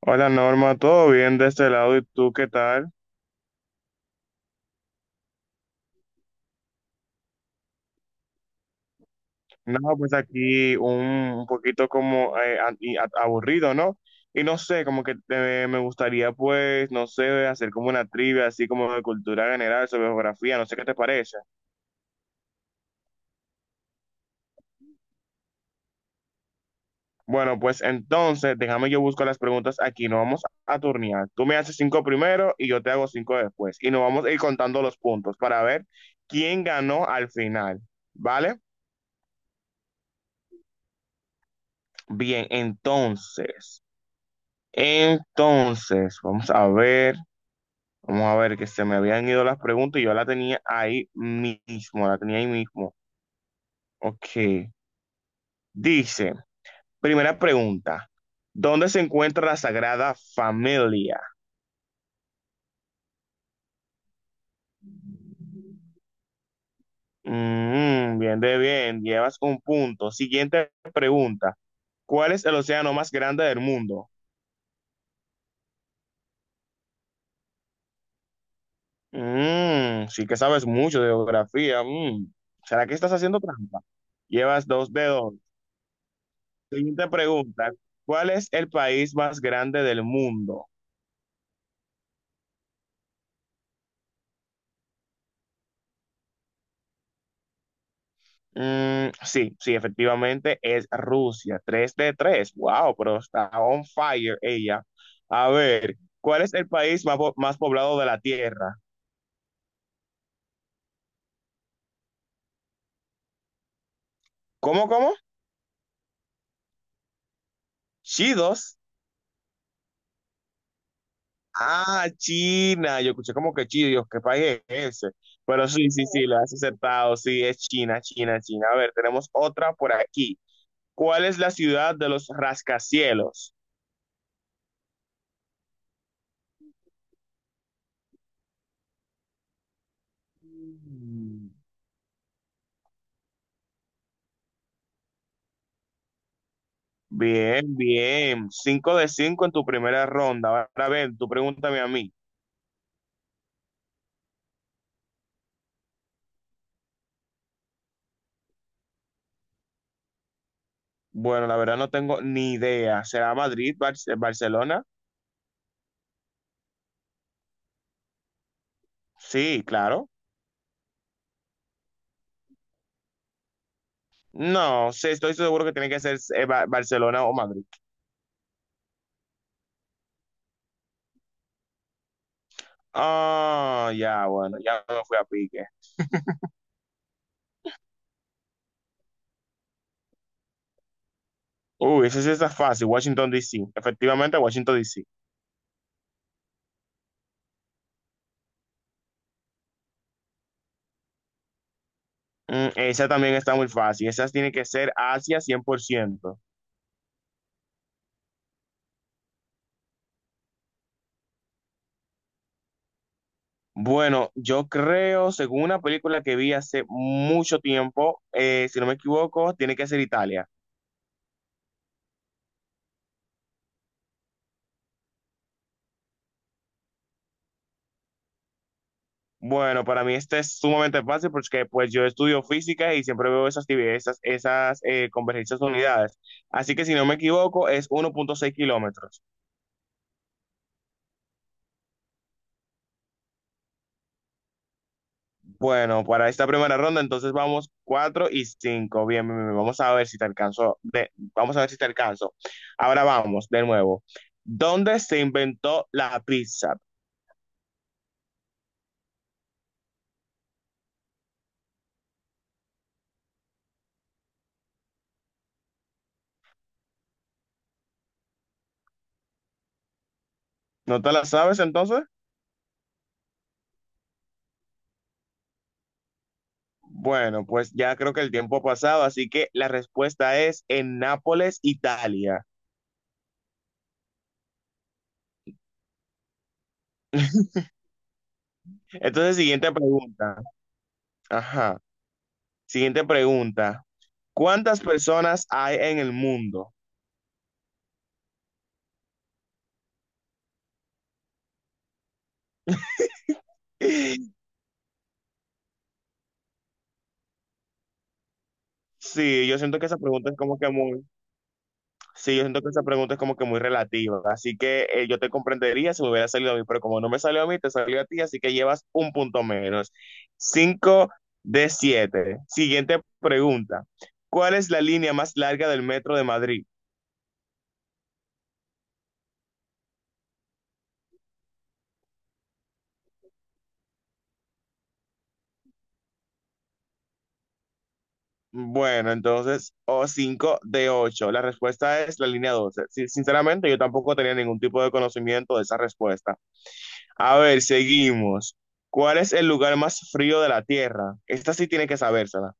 Hola Norma, ¿todo bien de este lado? ¿Y tú qué tal? No, pues aquí un poquito como aburrido, ¿no? Y no sé, como que me gustaría pues, no sé, hacer como una trivia así como de cultura general, sobre geografía, no sé qué te parece. Bueno, pues entonces, déjame yo buscar las preguntas aquí, nos vamos a turnear. Tú me haces cinco primero y yo te hago cinco después. Y nos vamos a ir contando los puntos para ver quién ganó al final, ¿vale? Bien, entonces. Entonces, vamos a ver que se me habían ido las preguntas y yo la tenía ahí mismo, la tenía ahí mismo. Ok, dice, primera pregunta, ¿dónde se encuentra la Sagrada Familia? Bien de bien, llevas un punto. Siguiente pregunta, ¿cuál es el océano más grande del mundo? Sí que sabes mucho de geografía. Mm. ¿Será que estás haciendo trampa? Llevas dos dedos. Siguiente pregunta. ¿Cuál es el país más grande del mundo? Sí, sí, efectivamente es Rusia. 3 de 3. Wow, pero está on fire ella. A ver, ¿cuál es el país más, más poblado de la Tierra? ¿Cómo, cómo? Chidos. Ah, China. Yo escuché como que chidos, ¿qué país es ese? Pero sí, sí, sí, lo has aceptado. Sí, es China, China, China. A ver, tenemos otra por aquí. ¿Cuál es la ciudad de los rascacielos? Bien, bien. 5 de 5 en tu primera ronda. Ahora, a ver, tú pregúntame a mí. Bueno, la verdad no tengo ni idea. ¿Será Madrid, Barcelona? Sí, claro. No, sí, estoy seguro que tiene que ser Barcelona o Madrid. Ah, ya, bueno, ya me fui a pique. Uy, esa sí está fácil. Washington, D.C. Efectivamente, Washington, D.C. Esa también está muy fácil. Esa tiene que ser Asia 100%. Bueno, yo creo, según una película que vi hace mucho tiempo, si no me equivoco, tiene que ser Italia. Bueno, para mí este es sumamente fácil porque pues yo estudio física y siempre veo esas convergencias de unidades. Así que si no me equivoco, es 1,6 kilómetros. Bueno, para esta primera ronda, entonces vamos 4 y 5. Bien, bien, bien. Vamos a ver si te alcanzo. Vamos a ver si te alcanzo. Ahora vamos, de nuevo. ¿Dónde se inventó la pizza? ¿No te la sabes entonces? Bueno, pues ya creo que el tiempo ha pasado, así que la respuesta es en Nápoles, Italia. Entonces, siguiente pregunta. Ajá. Siguiente pregunta. ¿Cuántas personas hay en el mundo? Sí, yo siento que esa pregunta es como que muy. Sí, yo siento que esa pregunta es como que muy relativa, así que yo te comprendería si me hubiera salido a mí, pero como no me salió a mí, te salió a ti, así que llevas un punto menos. Cinco de siete. Siguiente pregunta. ¿Cuál es la línea más larga del metro de Madrid? Bueno, entonces, o cinco de ocho. La respuesta es la línea 12. Sí, sinceramente, yo tampoco tenía ningún tipo de conocimiento de esa respuesta. A ver, seguimos. ¿Cuál es el lugar más frío de la Tierra? Esta sí tiene que sabérsela.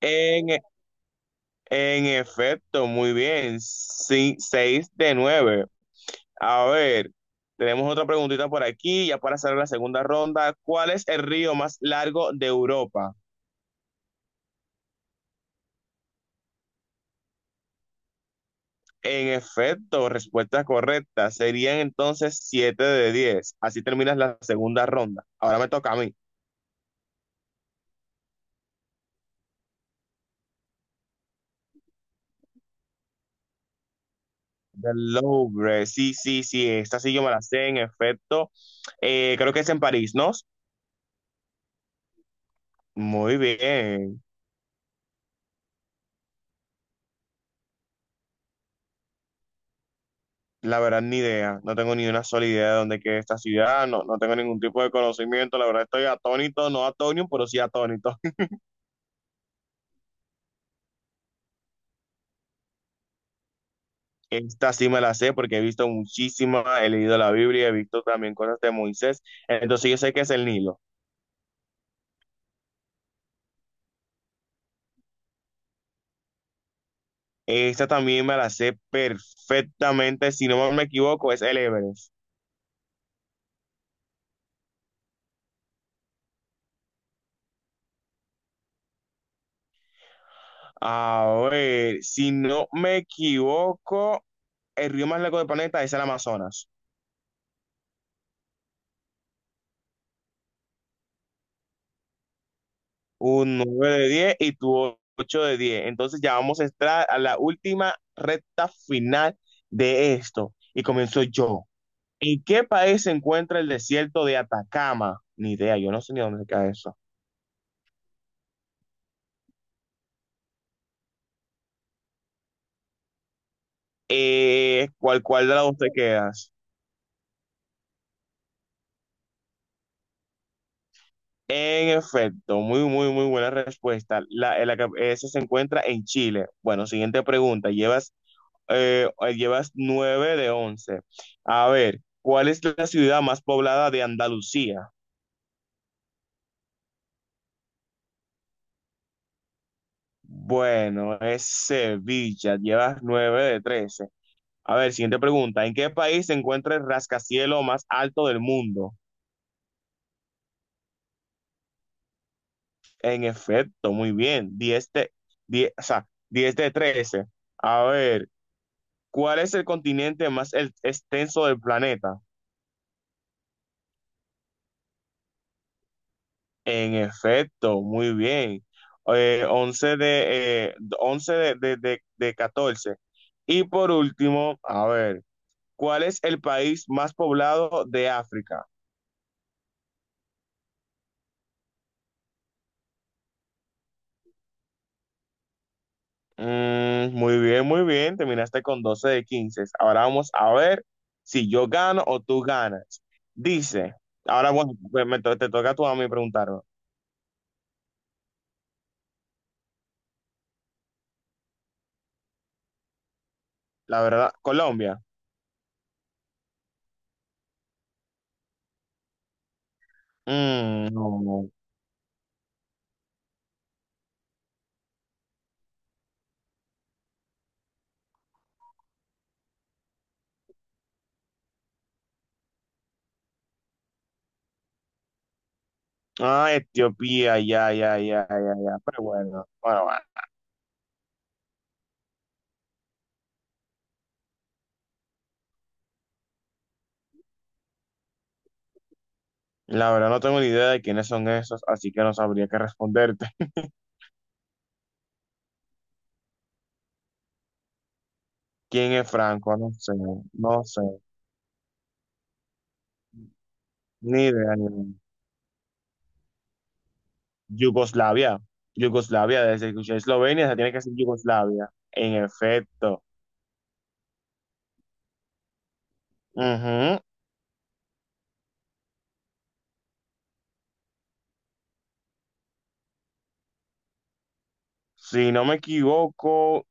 En, En efecto, muy bien. Sí, seis de nueve. A ver, tenemos otra preguntita por aquí, ya para hacer la segunda ronda. ¿Cuál es el río más largo de Europa? En efecto, respuesta correcta. Serían entonces siete de 10. Así terminas la segunda ronda. Ahora me toca a mí. Del Louvre, sí, sí, sí, esta sí yo me la sé, en efecto. Creo que es en París, ¿no? Muy bien. La verdad, ni idea. No tengo ni una sola idea de dónde queda esta ciudad. No, no tengo ningún tipo de conocimiento. La verdad, estoy atónito, no atónito, pero sí atónito. Esta sí me la sé porque he visto muchísima, he leído la Biblia, he visto también cosas de Moisés. Entonces yo sé que es el Nilo. Esta también me la sé perfectamente. Si no me equivoco, es el Everest. A ver, si no me equivoco, el río más largo del planeta es el Amazonas. Un 9 de 10 y tu 8 de 10. Entonces ya vamos a entrar a la última recta final de esto. Y comienzo yo. ¿En qué país se encuentra el desierto de Atacama? Ni idea, yo no sé ni dónde se queda eso. ¿Cuál de las dos te quedas? En efecto, muy, muy, muy buena respuesta. Esa se encuentra en Chile. Bueno, siguiente pregunta. Eh, llevas 9 de 11. A ver, ¿cuál es la ciudad más poblada de Andalucía? Bueno, es Sevilla. Llevas nueve de 13. A ver, siguiente pregunta. ¿En qué país se encuentra el rascacielos más alto del mundo? En efecto, muy bien. 10 de, 10, o sea, 10 de 13. A ver, ¿cuál es el continente más extenso del planeta? En efecto, muy bien. 11 de 14. Y por último, a ver, ¿cuál es el país más poblado de África? Muy bien, muy bien. Terminaste con 12 de 15. Ahora vamos a ver si yo gano o tú ganas. Dice, ahora bueno, pues te toca tú a mí preguntarme. La verdad, Colombia. Mm, no. No. Ah, Etiopía, ya, ya, ya, ya, ya. Pero bueno, bueno, bueno. La verdad no tengo ni idea de quiénes son esos, así que no sabría qué responderte. ¿Quién es Franco? No sé, no sé. Ni idea, ni idea. Yugoslavia. Yugoslavia, desde que escuché Eslovenia, se tiene que decir Yugoslavia. En efecto. Ujú. Si no me equivoco,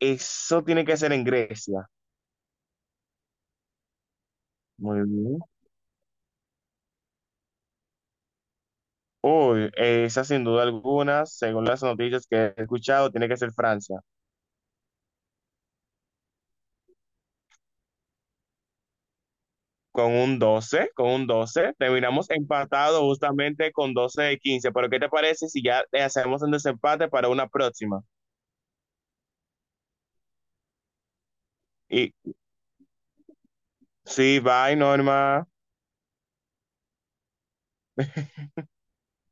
eso tiene que ser en Grecia. Muy bien. Uy, esa sin duda alguna, según las noticias que he escuchado, tiene que ser Francia. Con un 12, con un 12, terminamos empatados justamente con 12 de 15. Pero ¿qué te parece si ya le hacemos un desempate para una próxima? Y sí, bye, Norma.